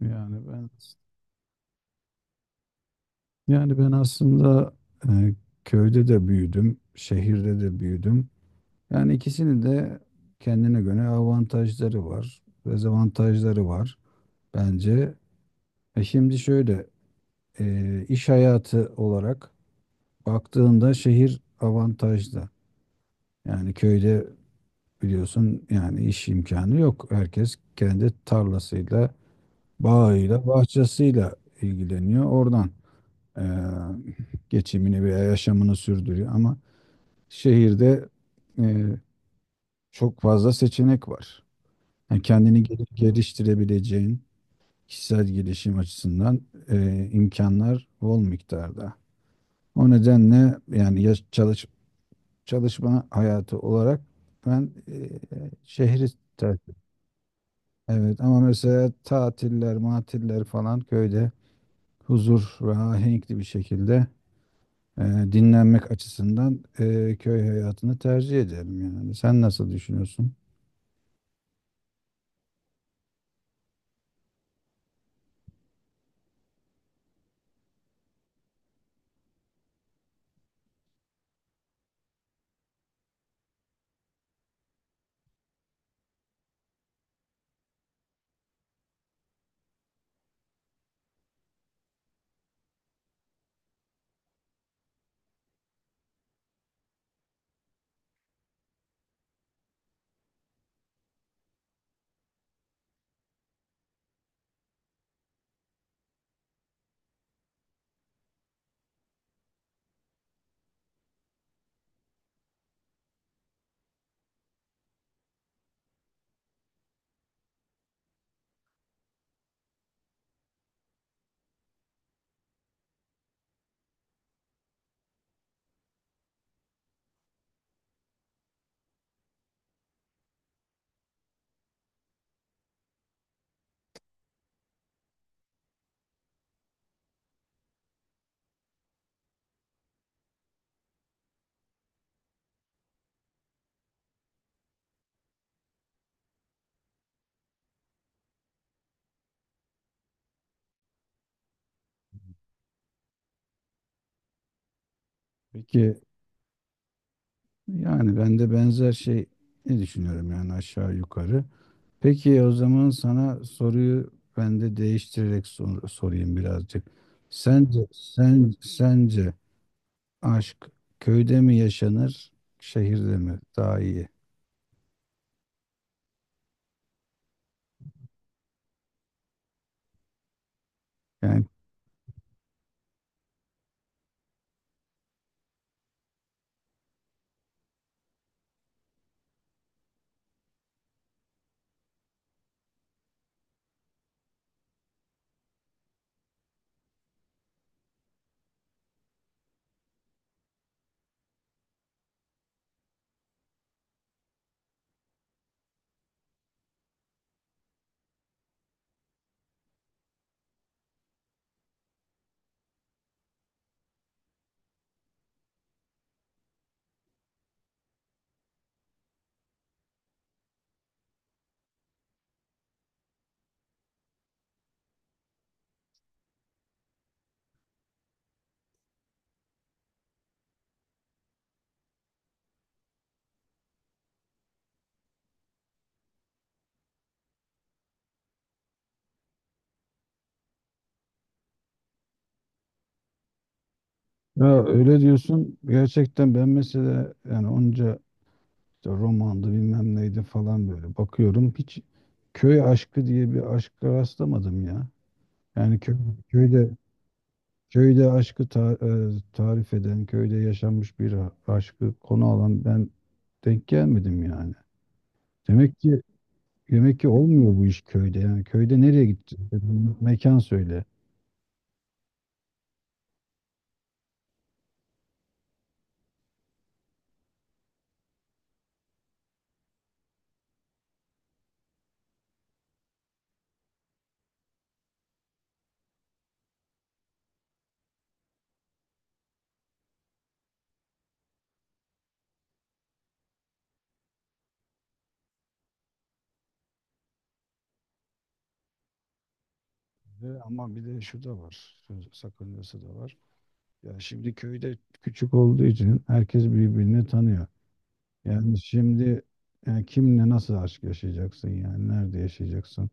Yani ben yani ben aslında e, köyde de büyüdüm, şehirde de büyüdüm. Yani ikisinin de kendine göre avantajları var, dezavantajları var bence. E şimdi şöyle iş hayatı olarak baktığında şehir avantajlı. Yani köyde biliyorsun yani iş imkanı yok. Herkes kendi tarlasıyla, bağıyla, bahçesiyle ilgileniyor oradan. e, Geçimini veya yaşamını sürdürüyor. Ama şehirde e, çok fazla seçenek var. Yani geliştirebileceğin kişisel gelişim açısından imkanlar bol miktarda. O nedenle yani çalışma hayatı olarak ben şehri tercih ederim. Evet ama mesela tatiller, matiller falan köyde huzur ve ahenkli bir şekilde e, dinlenmek açısından köy hayatını tercih ederim yani. Sen nasıl düşünüyorsun? Peki yani ben de benzer şey ne düşünüyorum yani aşağı yukarı. Peki o zaman sana soruyu ben de değiştirerek sorayım birazcık. Sence aşk köyde mi yaşanır, şehirde mi daha iyi? Yani ya öyle diyorsun gerçekten ben mesela yani onca İşte romandı bilmem neydi falan böyle. Bakıyorum hiç köy aşkı diye bir aşka rastlamadım ya. Köyde köyde tarif eden, köyde yaşanmış bir aşkı konu alan ben denk gelmedim yani. Demek ki demek ki olmuyor bu iş köyde. Yani köyde nereye gitti? Mekan söyle. Ve ama bir de şu da var. Söz sakıncası da var. Ya şimdi köyde küçük olduğu için herkes birbirini tanıyor. Yani şimdi kimle nasıl aşk yaşayacaksın yani? Nerede yaşayacaksın?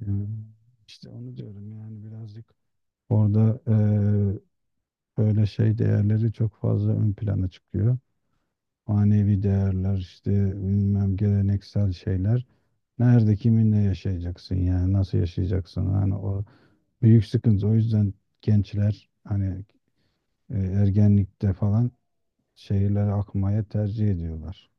Yani işte onu diyorum yani birazcık orada böyle şey değerleri çok fazla ön plana çıkıyor. Manevi değerler işte bilmem geleneksel şeyler. Nerede kiminle yaşayacaksın yani nasıl yaşayacaksın? Yani büyük sıkıntı. O yüzden gençler hani ergenlikte falan şehirlere akmaya tercih ediyorlar.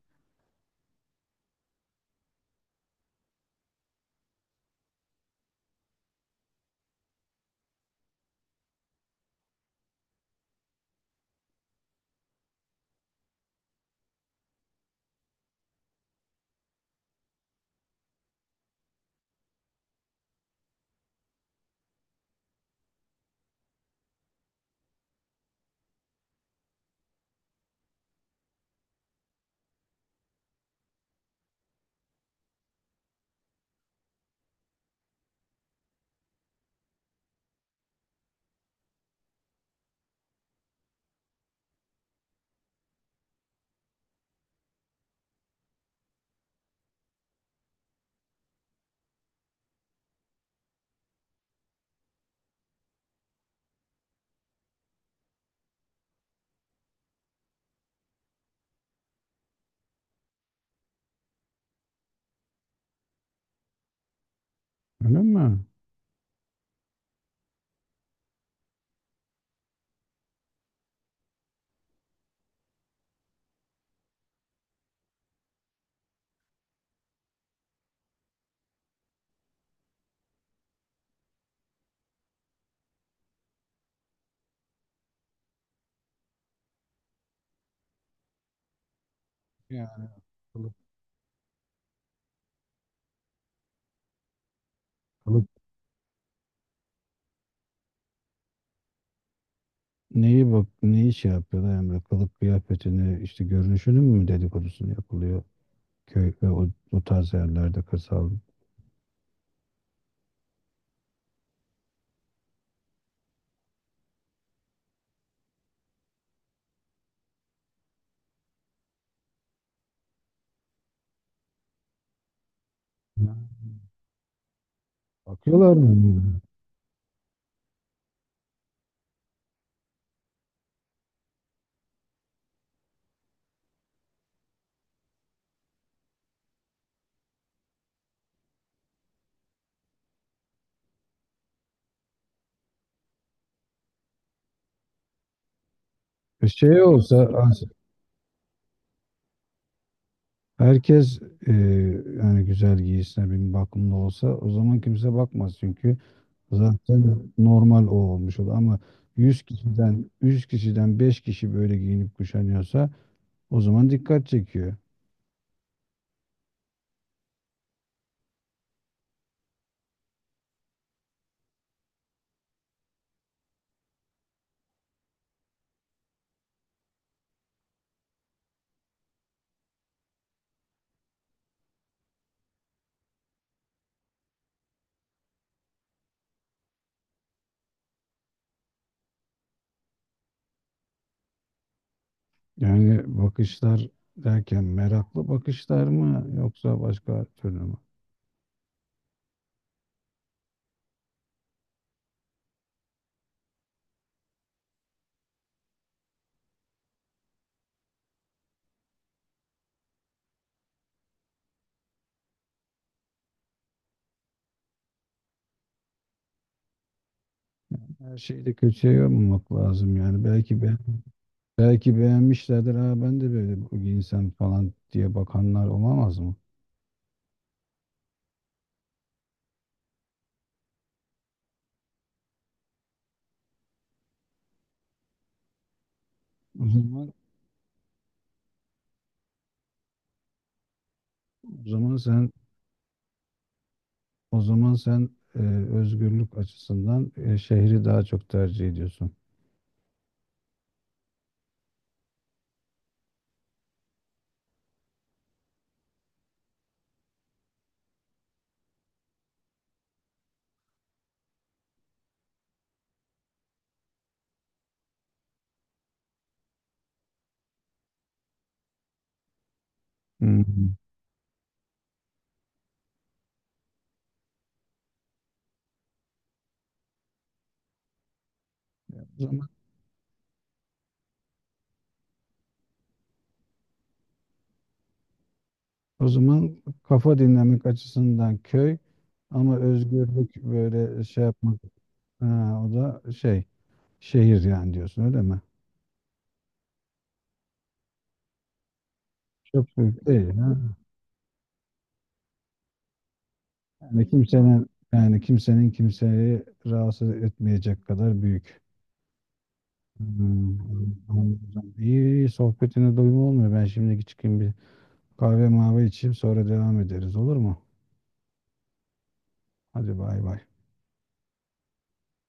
Öyle mi? Yani kılık, kılık neyi bak neyi yapıyorlar Emre? Kılık kıyafetini işte görünüşünün mü dedikodusunu yapılıyor köy ve o tarz yerlerde kırsal. Ha. Bakıyorlar mı? Bir şey olsa herkes e, yani güzel giyisine bir bakımda olsa o zaman kimse bakmaz çünkü zaten normal o olmuş olur ama yüz kişiden 5 kişi böyle giyinip kuşanıyorsa o zaman dikkat çekiyor. Yani bakışlar derken meraklı bakışlar mı yoksa başka türlü mü? Her şeyi de kötüye yormamak lazım yani belki beğenmişlerdir ha ben de böyle giyinsem falan diye bakanlar olamaz mı? O zaman o zaman sen O zaman sen e, özgürlük açısından şehri daha çok tercih ediyorsun. Hmm. O zaman, o zaman kafa dinlemek açısından köy ama özgürlük böyle şey yapmak, ha, o da şehir yani diyorsun öyle mi? Çok büyük değil ha. Yani kimsenin yani kimsenin kimseyi rahatsız etmeyecek kadar büyük. Hmm, anladım. İyi, iyi sohbetine doyum olmuyor. Ben şimdi çıkayım bir kahve mavi içeyim sonra devam ederiz olur mu? Hadi bay bay.